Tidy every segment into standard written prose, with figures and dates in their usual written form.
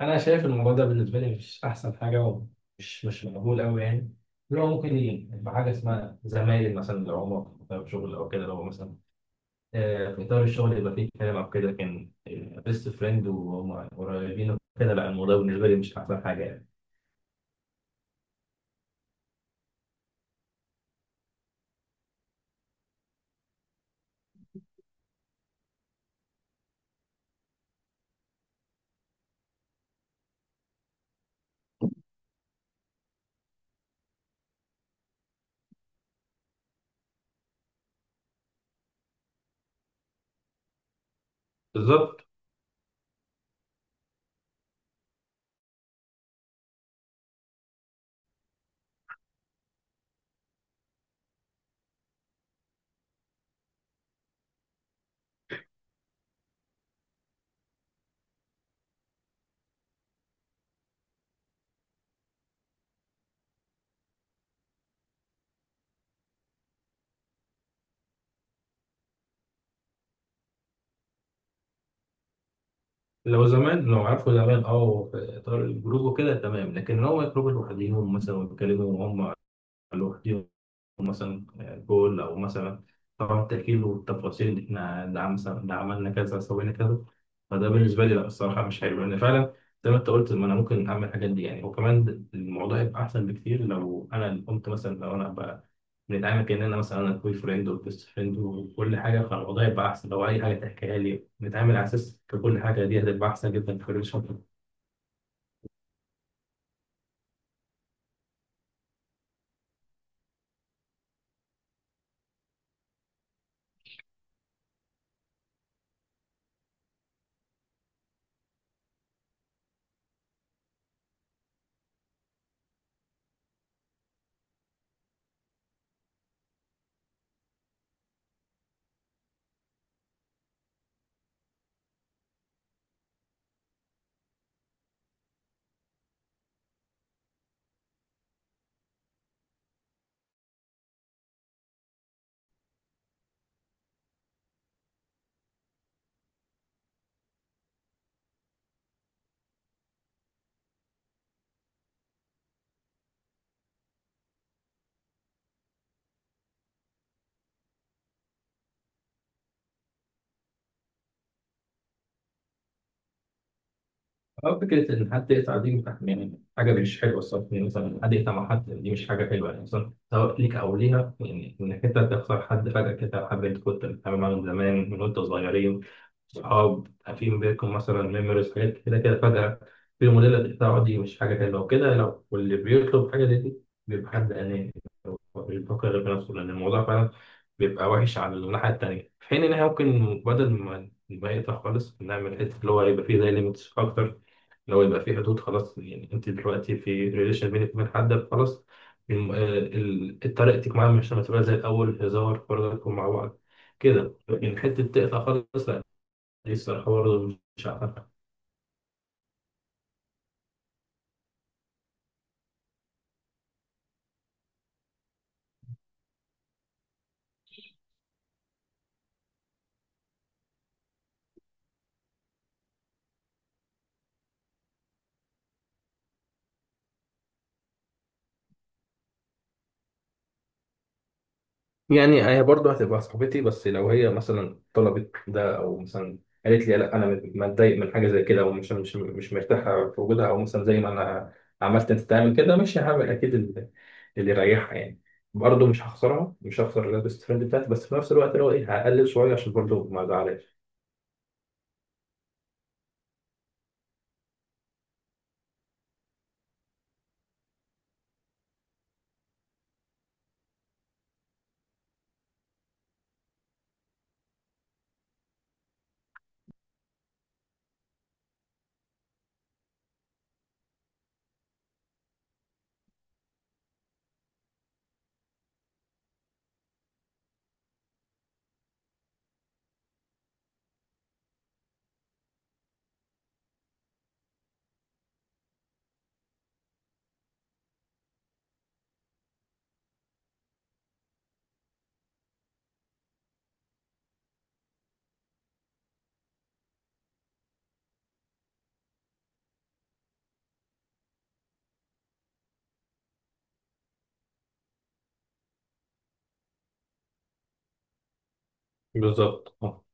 انا شايف الموضوع ده بالنسبه لي مش احسن حاجه، ومش مش مقبول قوي يعني. اللي هو ممكن يبقى حاجه اسمها زمايل مثلا لو هما في إطار شغل او كده. لو مثلا في اطار الشغل يبقى فيه كلام او كده، لكن بيست فريند وهم قريبين وكده لا. الموضوع بالنسبه لي مش احسن حاجه يعني. بالظبط. لو زمان، لو عارفوا زمان، اه في اطار الجروب وكده تمام، لكن لو هما يخرجوا لوحديهم مثلا ويتكلموا وهم لوحديهم، مثلا جول او مثلا، طبعا التأكيد والتفاصيل اللي احنا اللي عملنا كذا سوينا كذا. فده بالنسبه لي لا، الصراحه مش حلو، لان فعلا زي ما انت قلت، ما انا ممكن اعمل الحاجات دي يعني. وكمان الموضوع يبقى احسن بكتير لو انا اللي قمت، مثلا لو انا بقى بنتعامل كاننا مثلا انا كوي فريند وبيست فريند وكل حاجه، فالوضع يبقى احسن. لو اي حاجه تحكيها لي نتعامل على اساس كل حاجه، دي هتبقى احسن جدا في الريليشن. أه، فكرة إن حد يقطع دي يعني حاجة مش حلوة الصراحة. يعني مثلا حد يقطع مع حد، دي مش حاجة حلوة يعني، مثلا سواء ليك أو ليها. يعني إنك أنت تخسر حد فجأة كده، حد أنت كنت بتتعامل معاه من زمان، وأنت صغيرين صحاب. في ما بينكم مثلا ميموريز حاجات كده كده، فجأة في موديل تقطعه، دي مش حاجة حلوة وكده. واللي بيطلب حاجة زي دي بيبقى حد أناني، هو مش بيفكر غير في نفسه. لأن الموضوع فعلا بيبقى وحش على الناحية التانية، في حين إن إحنا ممكن بدل ما يقطع خالص، نعمل حتة اللي هو يبقى فيه زي ليميتس أكتر. لو يبقى في حدود خلاص يعني، انت دلوقتي في ريليشن بينك وبين حد، خلاص طريقتك معاه مش هتبقى زي الاول، هزار فرجكم مع بعض كده. لكن حته تقطع خالص لا. دي الصراحه برضه مش عارف. يعني هي برضه هتبقى صاحبتي، بس لو هي مثلا طلبت ده، او مثلا قالت لي لا انا متضايق من حاجه زي كده، ومش مش مش مرتاحه في وجودها، او مثلا زي ما انا عملت انت تعمل كده، مش هعمل اكيد اللي يريحها يعني. برضه مش هخسرها، مش هخسر البيست فريند بتاعتي، بس في نفس الوقت اللي هو ايه، هقلل شويه عشان برضه ما ازعلهاش. بالظبط، اه.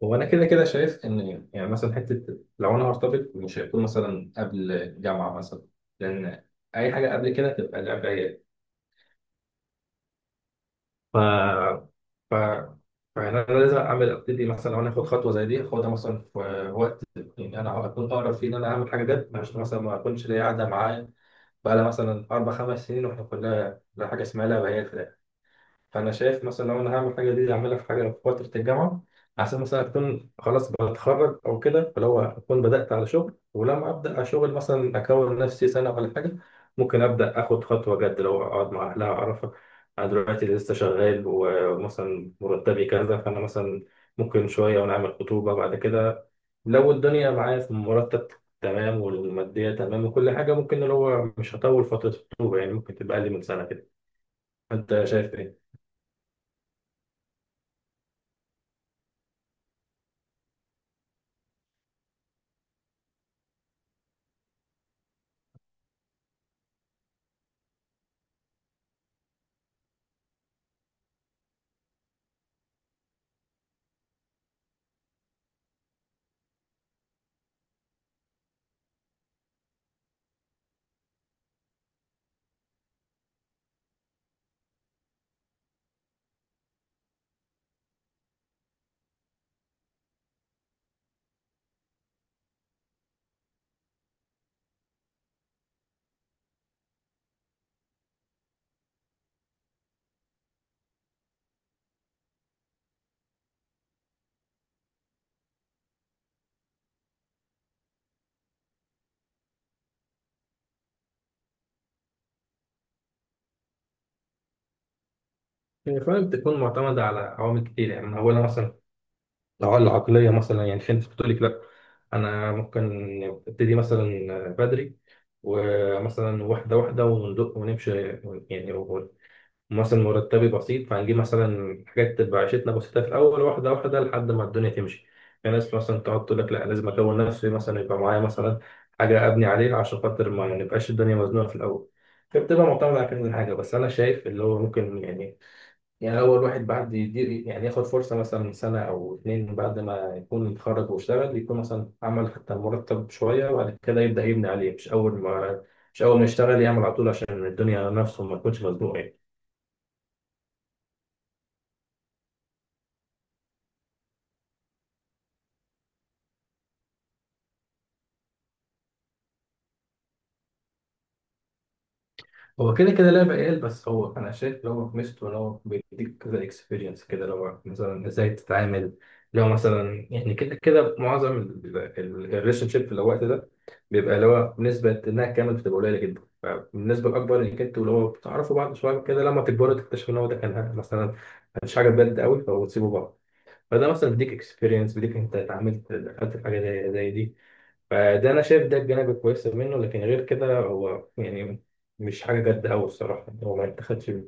وانا كده كده شايف ان يعني، مثلا حته لو انا هرتبط مش هيكون مثلا قبل جامعه مثلا. لان اي حاجه قبل كده تبقى لعب عيال. ف... فانا لازم ابتدي مثلا. لو انا اخد خطوه زي دي اخدها مثلا في وقت يعني انا اكون اقرب فيه، ان انا اعمل حاجه جد، عشان مثلا ما اكونش ليا قاعده معايا بقى لها مثلا 4 5 سنين واحنا كلها لا، حاجه اسمها لا بيات. فانا شايف مثلا لو انا هعمل حاجه دي، اعملها في حاجه في فتره الجامعه، عشان مثلا اكون خلاص بتخرج او كده. فلو هو اكون بدات على شغل، ولما ابدا على شغل مثلا اكون نفسي سنه ولا حاجه، ممكن ابدا اخد خطوه جد، لو اقعد مع اهلها اعرفها. انا دلوقتي لسه شغال ومثلا مرتبي كذا، فانا مثلا ممكن شويه، ونعمل خطوبه بعد كده. لو الدنيا معايا في مرتب تمام، والماديه تمام، وكل حاجه ممكن اللي هو مش هطول فتره الخطوبه يعني، ممكن تبقى اقل من سنه كده. انت شايف ايه؟ هي فعلا بتكون معتمدة على عوامل كتير يعني، من أولها مثلا لو العقلية. مثلا يعني في ناس بتقول لك لأ، أنا ممكن أبتدي مثلا بدري، ومثلا واحدة واحدة وندق ونمشي يعني. مثلا مرتبي بسيط، فهنجيب مثلا حاجات تبقى عيشتنا بسيطة في الأول، واحدة واحدة لحد ما الدنيا تمشي. في ناس مثلا تقعد تقول لك لأ، لازم أكون نفسي مثلا، يبقى معايا مثلا حاجة أبني عليها، عشان خاطر ما نبقاش الدنيا مزنوقة في الأول. فبتبقى معتمدة على كذا حاجة. بس أنا شايف اللي هو ممكن يعني لو الواحد بعد يدير يعني، ياخد فرصة مثلا سنة أو اتنين بعد ما يكون اتخرج واشتغل، يكون مثلا عمل حتى مرتب شوية، وبعد كده يبدأ يبني عليه. مش أول ما يشتغل يعمل على طول، عشان الدنيا على نفسه ما يكونش مزنوق. هو كده كده لعبة عيال، بس هو أنا شايف اللي هو ميزته إن هو بيديك كذا إكسبيرينس كده، اللي هو مثلا إزاي تتعامل. اللي هو مثلا يعني كده كده، معظم الريليشن شيب في الوقت ده بيبقى اللي هو بنسبة إنها كامل بتبقى قليلة جدا، فالنسبة الأكبر إنك أنت واللي هو بتعرفوا بعض شوية كده، لما تكبروا تكتشفوا إن هو ده كان مثلا مش حاجة بجد قوي فبتسيبوا بعض. فده مثلا بيديك إكسبيرينس، بيديك أنت اتعاملت دخلت في حاجة زي دي. فده انا شايف ده الجانب الكويس منه، لكن غير كده هو يعني مش حاجه جد قوي الصراحه، هو ما اتخذش.